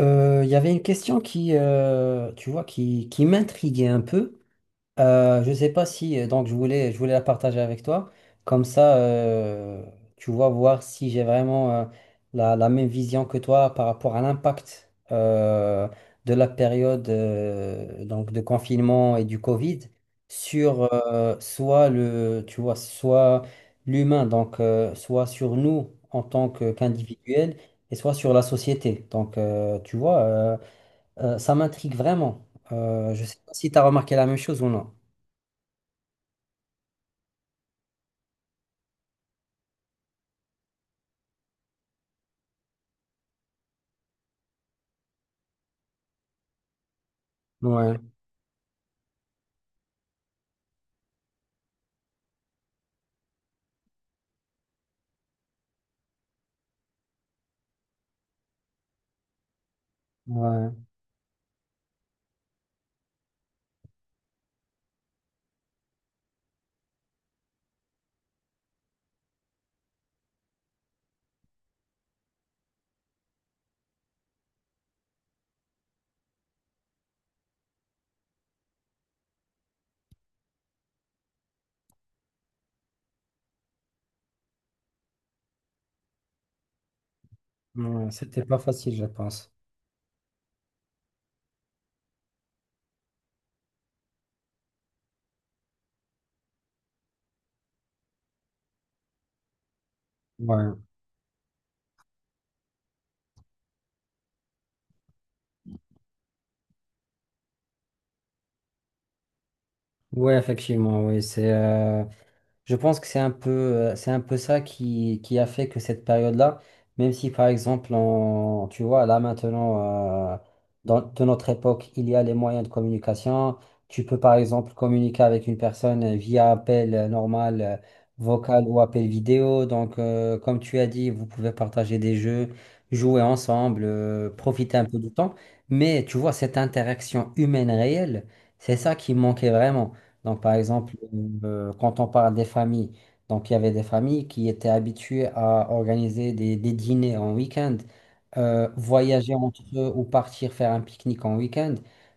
Il y avait une question qui, tu vois, qui m'intriguait un peu. Je sais pas si donc je voulais la partager avec toi comme ça tu vois voir si j'ai vraiment la même vision que toi par rapport à l'impact de la période donc de confinement et du Covid sur soit le tu vois soit l'humain donc soit sur nous en tant que qu'individuel et soit sur la société donc ça m'intrigue vraiment. Je sais pas si tu as remarqué la même chose ou non. Ouais, ouais, ouais, c'était pas facile, je pense. Ouais, ouais, effectivement, oui, c'est je pense que c'est un peu ça qui a fait que cette période-là, même si par exemple, tu vois, là maintenant, dans, de notre époque, il y a les moyens de communication. Tu peux par exemple communiquer avec une personne via appel normal, vocal ou appel vidéo. Donc, comme tu as dit, vous pouvez partager des jeux, jouer ensemble, profiter un peu du temps. Mais tu vois, cette interaction humaine réelle, c'est ça qui manquait vraiment. Donc, par exemple, quand on parle des familles, donc il y avait des familles qui étaient habituées à organiser des dîners en week-end, voyager entre eux ou partir faire un pique-nique en week-end.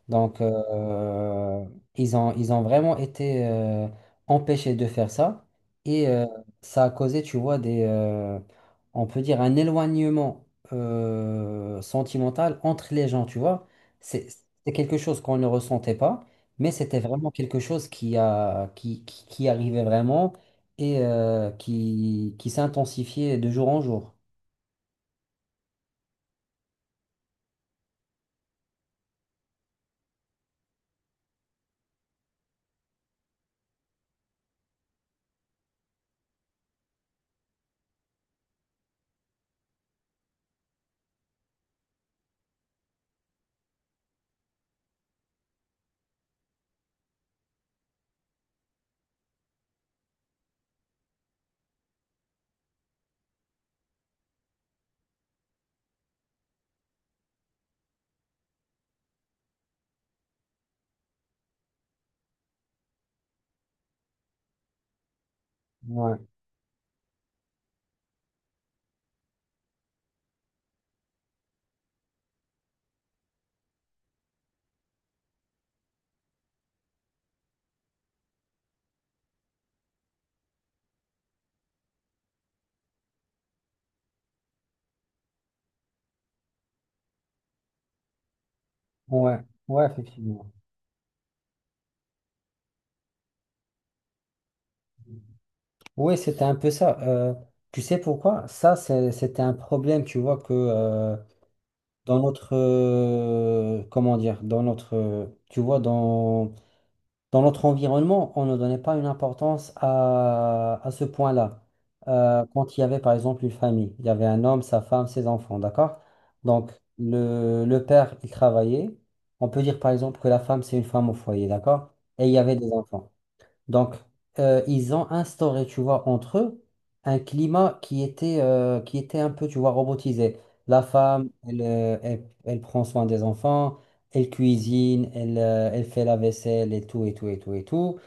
Donc, ils ont vraiment été empêchés de faire ça. Et ça a causé, tu vois, on peut dire un éloignement sentimental entre les gens, tu vois. C'est c'est quelque chose qu'on ne ressentait pas. Mais c'était vraiment quelque chose qui arrivait vraiment et qui s'intensifiait de jour en jour. Ouais, ouais, ouais, effectivement. Ouais, c'était un peu ça. Tu sais pourquoi? Ça, c'était un problème, tu vois, que dans notre, comment dire, dans notre, tu vois, dans notre environnement, on ne donnait pas une importance à ce point-là. Quand il y avait par exemple une famille, il y avait un homme, sa femme, ses enfants, d'accord? Donc le père, il travaillait. On peut dire par exemple que la femme, c'est une femme au foyer, d'accord? Et il y avait des enfants. Donc, ils ont instauré, tu vois, entre eux, un climat qui était un peu, tu vois, robotisé. La femme, elle, elle, elle prend soin des enfants, elle cuisine, elle, elle fait la vaisselle et tout, et tout, et tout, et tout.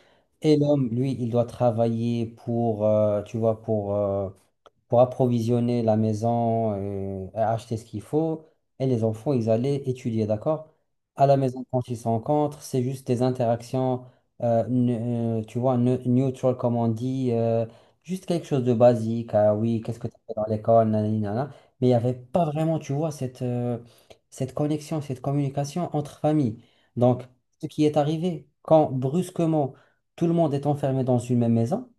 Et l'homme, lui, il doit travailler pour, tu vois, pour approvisionner la maison, et acheter ce qu'il faut, et les enfants, ils allaient étudier, d'accord? À la maison, quand ils se rencontrent, c'est juste des interactions, tu vois, neutral, comme on dit, juste quelque chose de basique. Ah oui, qu'est-ce que tu fait dans l'école, nanani, nanana. Mais il n'y avait pas vraiment, tu vois, cette, cette connexion, cette communication entre familles. Donc, ce qui est arrivé, quand brusquement, tout le monde est enfermé dans une même maison,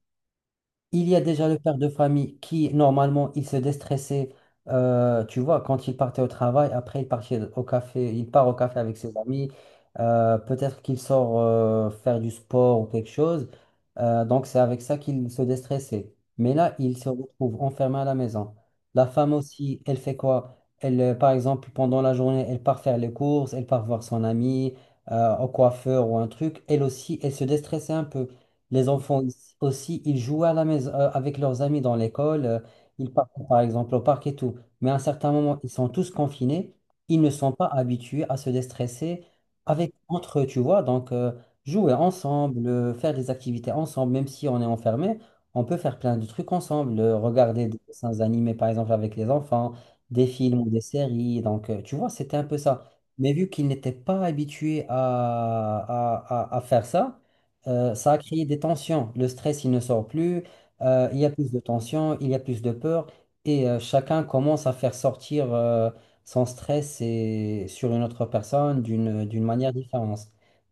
il y a déjà le père de famille qui, normalement, il se déstressait, tu vois, quand il partait au travail. Après, il partait au café, il part au café avec ses amis. Peut-être qu'il sort faire du sport ou quelque chose. Donc, c'est avec ça qu'il se déstressait. Mais là, il se retrouve enfermé à la maison. La femme aussi, elle fait quoi? Elle, par exemple, pendant la journée, elle part faire les courses, elle part voir son ami, au coiffeur ou un truc. Elle aussi, elle se déstressait un peu. Les enfants ici aussi, ils jouent à la maison, avec leurs amis dans l'école, ils partent par exemple au parc et tout. Mais à un certain moment, ils sont tous confinés, ils ne sont pas habitués à se déstresser avec entre eux, tu vois. Donc, jouer ensemble, faire des activités ensemble, même si on est enfermé, on peut faire plein de trucs ensemble, regarder des dessins animés par exemple avec les enfants, des films ou des séries. Donc, tu vois, c'était un peu ça. Mais vu qu'ils n'étaient pas habitués à, à faire ça, ça a créé des tensions. Le stress, il ne sort plus. Il y a plus de tensions, il y a plus de peur. Et chacun commence à faire sortir son stress et, sur une autre personne d'une manière différente.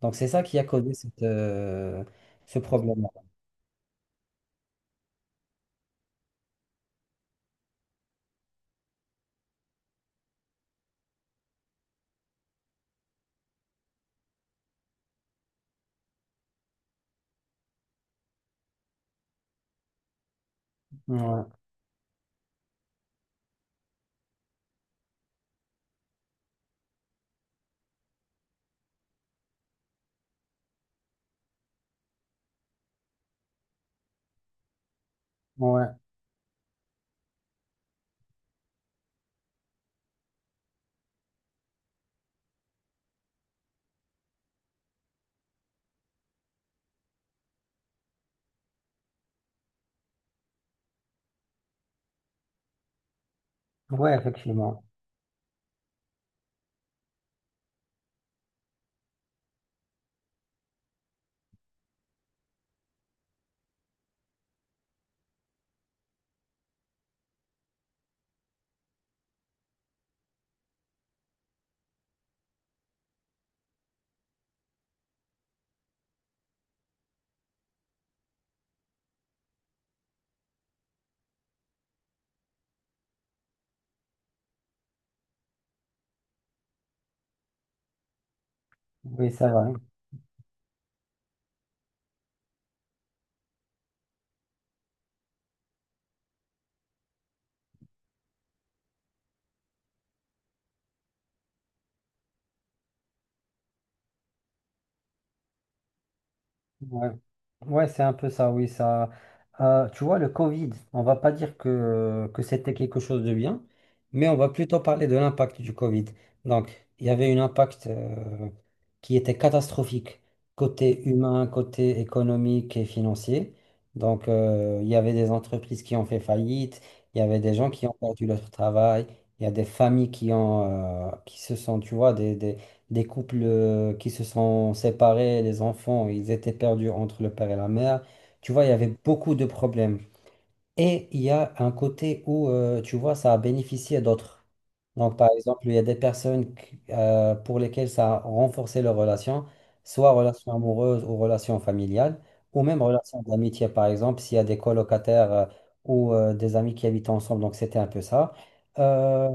Donc, c'est ça qui a causé cette, ce problème-là. Ouais, ouais, ouais, effectivement. Oui, ça va. Ouais, Ouais, c'est un peu ça, oui, ça. Tu vois, le Covid, on va pas dire que c'était quelque chose de bien, mais on va plutôt parler de l'impact du Covid. Donc, il y avait un impact qui était catastrophique, côté humain, côté économique et financier. Donc, il y avait des entreprises qui ont fait faillite, il y avait des gens qui ont perdu leur travail, il y a des familles qui ont, qui se sont, tu vois, des couples qui se sont séparés, les enfants, ils étaient perdus entre le père et la mère. Tu vois, il y avait beaucoup de problèmes. Et il y a un côté où, tu vois, ça a bénéficié d'autres. Donc, par exemple, il y a des personnes pour lesquelles ça a renforcé leur relation, soit relation amoureuse ou relation familiale, ou même relation d'amitié, par exemple, s'il y a des colocataires ou des amis qui habitent ensemble. Donc, c'était un peu ça. Euh,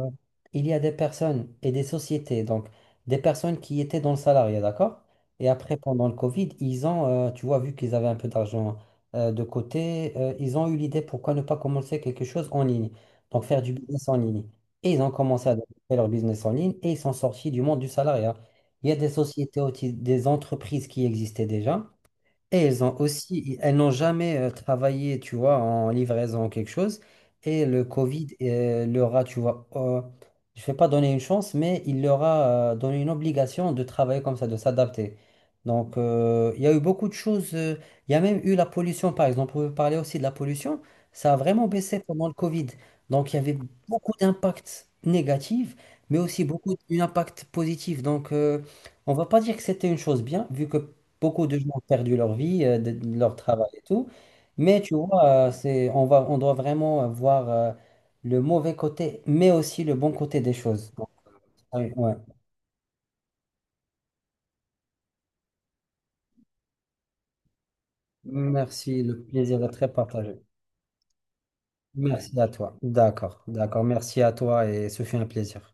il y a des personnes et des sociétés, donc des personnes qui étaient dans le salariat, d'accord? Et après, pendant le Covid, ils ont, tu vois, vu qu'ils avaient un peu d'argent de côté, ils ont eu l'idée pourquoi ne pas commencer quelque chose en ligne, donc faire du business en ligne. Et ils ont commencé à développer leur business en ligne et ils sont sortis du monde du salariat. Il y a des sociétés, des entreprises qui existaient déjà, et elles ont aussi, elles n'ont jamais travaillé, tu vois, en livraison ou quelque chose. Et le Covid leur a, tu vois, je ne vais pas donner une chance, mais il leur a donné une obligation de travailler comme ça, de s'adapter. Donc, il y a eu beaucoup de choses. Il y a même eu la pollution, par exemple. On peut parler aussi de la pollution. Ça a vraiment baissé pendant le Covid. Donc, il y avait beaucoup d'impacts négatifs, mais aussi beaucoup d'impacts positifs. Donc, on ne va pas dire que c'était une chose bien, vu que beaucoup de gens ont perdu leur vie, de leur travail et tout. Mais tu vois, c'est, on va, on doit vraiment voir le mauvais côté, mais aussi le bon côté des choses. Donc, ouais. Ouais. Merci, le plaisir est très partagé. Merci à toi. D'accord, d'accord. Merci à toi et ce fut un plaisir.